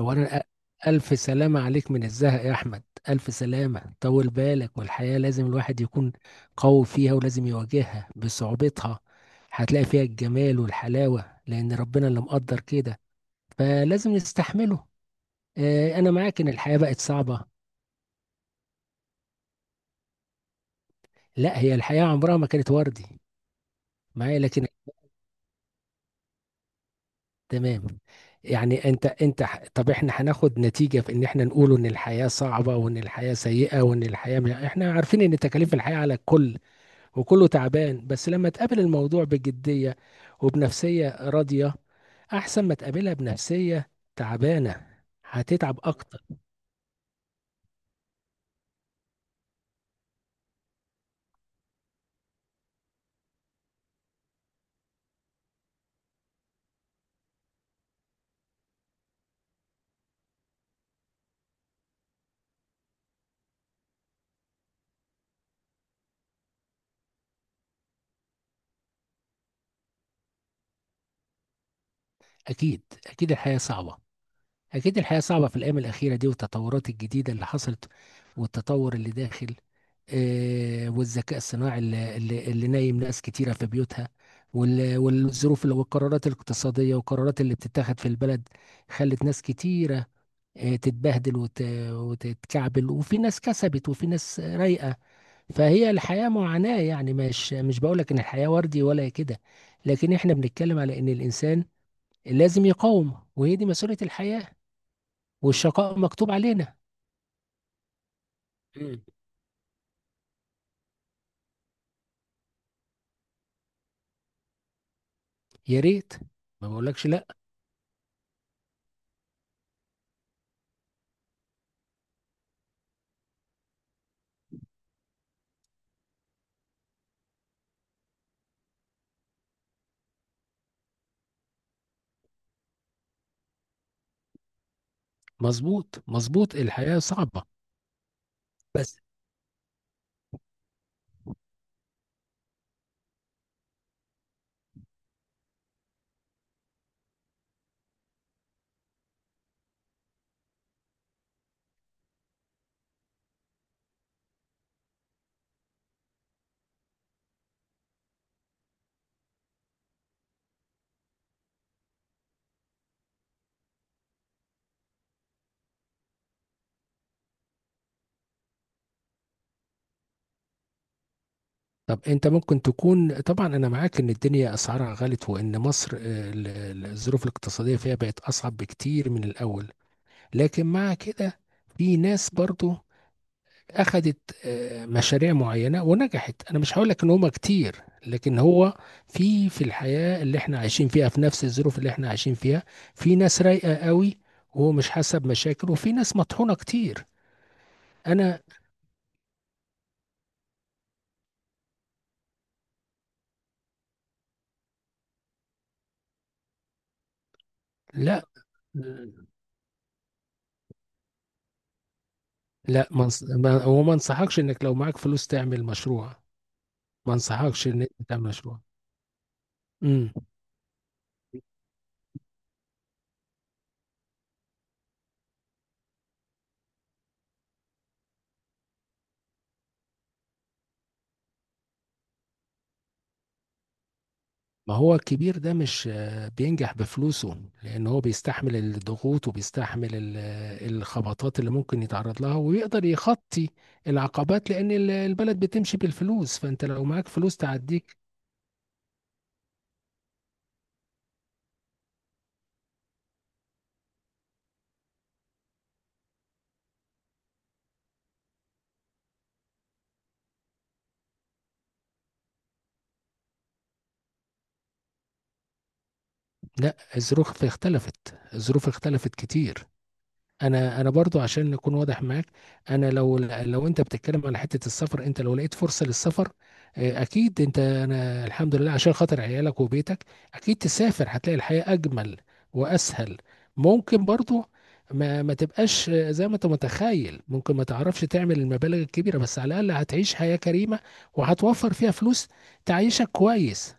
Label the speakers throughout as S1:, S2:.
S1: أولا ألف سلامة عليك من الزهق يا أحمد. ألف سلامة، طول بالك، والحياة لازم الواحد يكون قوي فيها ولازم يواجهها بصعوبتها. هتلاقي فيها الجمال والحلاوة لأن ربنا اللي مقدر كده، فلازم نستحمله. أنا معاك إن الحياة بقت صعبة. لا، هي الحياة عمرها ما كانت وردي معايا. لكن تمام. يعني انت طب احنا هناخد نتيجة في ان احنا نقول ان الحياة صعبة وان الحياة سيئة احنا عارفين ان تكاليف الحياة على الكل وكله تعبان. بس لما تقابل الموضوع بجدية وبنفسية راضية، أحسن ما تقابلها بنفسية تعبانة، هتتعب أكتر. أكيد أكيد الحياة صعبة. أكيد الحياة صعبة في الأيام الأخيرة دي، والتطورات الجديدة اللي حصلت والتطور اللي داخل، والذكاء الصناعي اللي نايم ناس كتيرة في بيوتها، والظروف والقرارات الاقتصادية والقرارات اللي بتتاخد في البلد خلت ناس كتيرة، تتبهدل وتتكعبل. وفي ناس كسبت وفي ناس رايقة. فهي الحياة معاناة، يعني مش بقولك ان الحياة وردي ولا كده، لكن احنا بنتكلم على ان الانسان لازم يقاوم. وهي دي مسؤولية الحياة، والشقاء مكتوب علينا. مم. يا ريت. ما بقولكش لا. مظبوط مظبوط، الحياة صعبة. بس طب انت ممكن تكون. طبعا انا معاك ان الدنيا اسعارها غلت، وان مصر الظروف الاقتصادية فيها بقت اصعب بكتير من الاول. لكن مع كده في ناس برضو اخدت مشاريع معينة ونجحت. انا مش هقول لك ان هما كتير، لكن هو في الحياة اللي احنا عايشين فيها، في نفس الظروف اللي احنا عايشين فيها، في ناس رايقة قوي وهو مش حاسة بمشاكل، وفي ناس مطحونة كتير. انا لا، لا، ما انص- ما- هو ما انصحكش انك لو معاك فلوس تعمل مشروع. ما انصحكش ان انت تعمل مشروع. إمم. ما هو الكبير ده مش بينجح بفلوسه لأن هو بيستحمل الضغوط وبيستحمل الخبطات اللي ممكن يتعرض لها، ويقدر يخطي العقبات لأن البلد بتمشي بالفلوس، فأنت لو معاك فلوس تعديك. لا، الظروف اختلفت، الظروف اختلفت كتير. انا برضو عشان نكون واضح معاك، انا لو انت بتتكلم على حته السفر، انت لو لقيت فرصه للسفر اكيد انت، انا الحمد لله. عشان خاطر عيالك وبيتك اكيد تسافر، هتلاقي الحياه اجمل واسهل. ممكن برضو ما تبقاش زي ما انت متخيل، ممكن ما تعرفش تعمل المبالغ الكبيره، بس على الاقل هتعيش حياه كريمه وهتوفر فيها فلوس تعيشك كويس.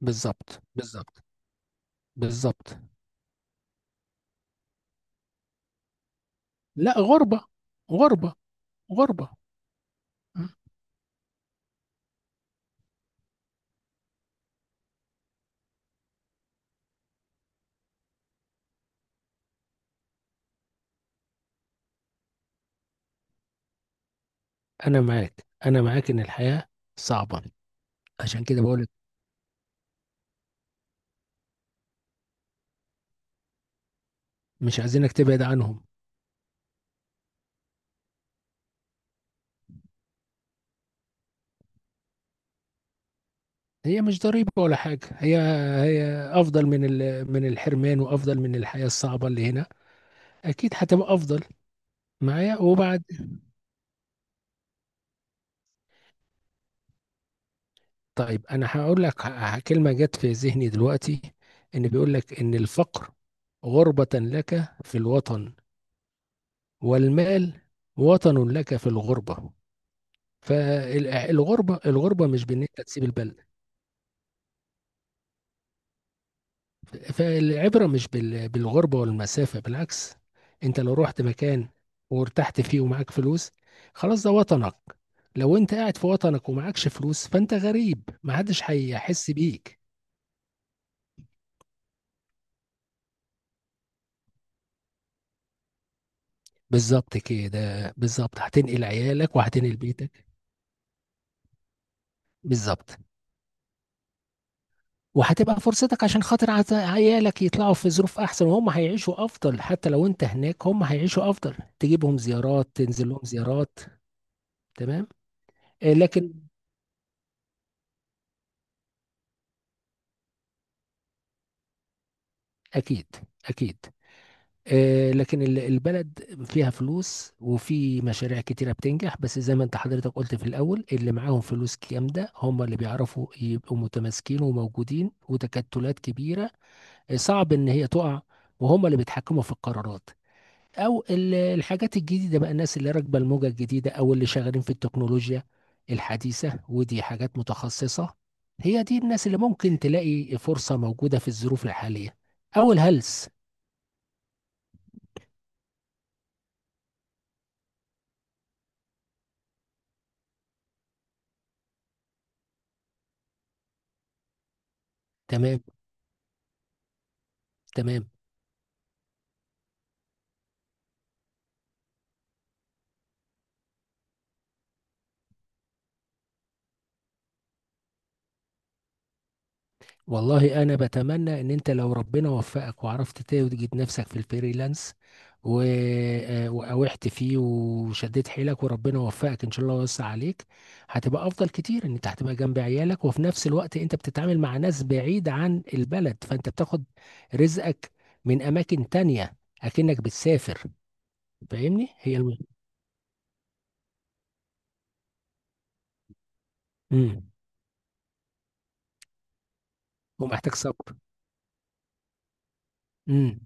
S1: بالظبط بالظبط بالظبط. لا، غربه غربه غربه. انا معاك، انا معاك ان الحياة صعبة. عشان كده بقولك، مش عايزينك تبعد عنهم. هي مش ضريبة ولا حاجة، هي هي افضل من من الحرمان، وافضل من الحياة الصعبة اللي هنا، اكيد هتبقى افضل. معايا وبعد. طيب انا هقول لك كلمة جت في ذهني دلوقتي. ان بيقول لك ان الفقر غربة لك في الوطن، والمال وطن لك في الغربة. فالغربة، الغربة مش بان انت تسيب البلد. فالعبرة مش بالغربة والمسافة، بالعكس. انت لو رحت مكان وارتحت فيه ومعاك فلوس، خلاص ده وطنك. لو انت قاعد في وطنك ومعكش فلوس، فانت غريب، محدش هيحس بيك. بالظبط كده، بالظبط، هتنقل عيالك وهتنقل بيتك. بالظبط. وهتبقى فرصتك عشان خاطر عيالك يطلعوا في ظروف احسن، وهم هيعيشوا افضل. حتى لو انت هناك هم هيعيشوا افضل، تجيبهم زيارات، تنزل لهم زيارات. تمام. لكن اكيد اكيد. لكن البلد فيها فلوس، وفي مشاريع كتيرة بتنجح. بس زي ما انت حضرتك قلت في الأول، اللي معاهم فلوس جامدة هم اللي بيعرفوا يبقوا متماسكين وموجودين، وتكتلات كبيرة صعب إن هي تقع، وهم اللي بيتحكموا في القرارات. أو الحاجات الجديدة، بقى الناس اللي راكبة الموجة الجديدة أو اللي شغالين في التكنولوجيا الحديثة، ودي حاجات متخصصة. هي دي الناس اللي ممكن تلاقي فرصة موجودة في الظروف الحالية. أو الهلس. تمام تمام. والله انا بتمنى ان انت لو ربنا وفقك وعرفت توجد نفسك في الفريلانس و... آه، واوحت فيه وشديت حيلك، وربنا وفقك ان شاء الله ويوسع عليك. هتبقى افضل كتير، ان انت هتبقى جنب عيالك وفي نفس الوقت انت بتتعامل مع ناس بعيد عن البلد، فانت بتاخد رزقك من اماكن تانية، اكنك بتسافر. فاهمني؟ مم. ومحتاج صبر. مم.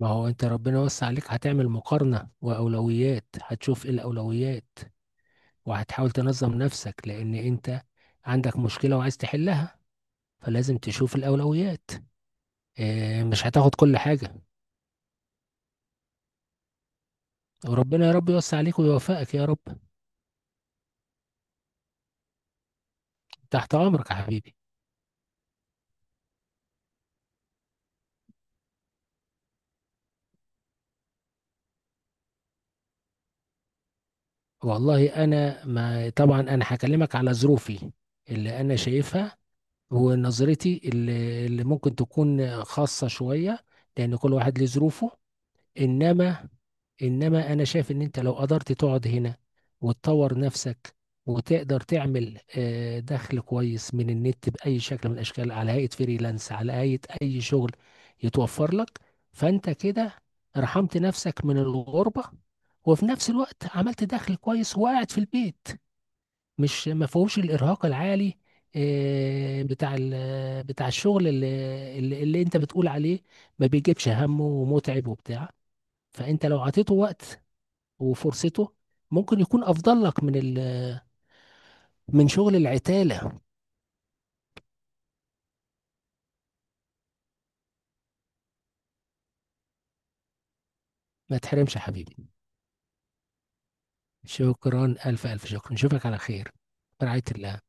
S1: ما هو انت ربنا وسع عليك، هتعمل مقارنة واولويات، هتشوف ايه الاولويات، وهتحاول تنظم نفسك لان انت عندك مشكلة وعايز تحلها، فلازم تشوف الاولويات. مش هتاخد كل حاجة. وربنا يا رب يوسع عليك ويوفقك يا رب. تحت امرك يا حبيبي. والله انا ما طبعا انا هكلمك على ظروفي اللي انا شايفها، ونظرتي اللي ممكن تكون خاصة شوية، لان كل واحد له ظروفه. انما انما انا شايف ان انت لو قدرت تقعد هنا، وتطور نفسك، وتقدر تعمل دخل كويس من النت باي شكل من الاشكال، على هيئه فريلانس، على هيئه اي شغل يتوفر لك، فانت كده رحمت نفسك من الغربه، وفي نفس الوقت عملت دخل كويس وقاعد في البيت. مش ما فيهوش الارهاق العالي بتاع بتاع الشغل اللي انت بتقول عليه، ما بيجيبش همه ومتعب وبتاع. فانت لو عطيته وقت وفرصته، ممكن يكون افضل لك من من شغل العتاله. ما تحرمش يا حبيبي. شكرا، الف الف شكرا، نشوفك على خير. في رعايه الله.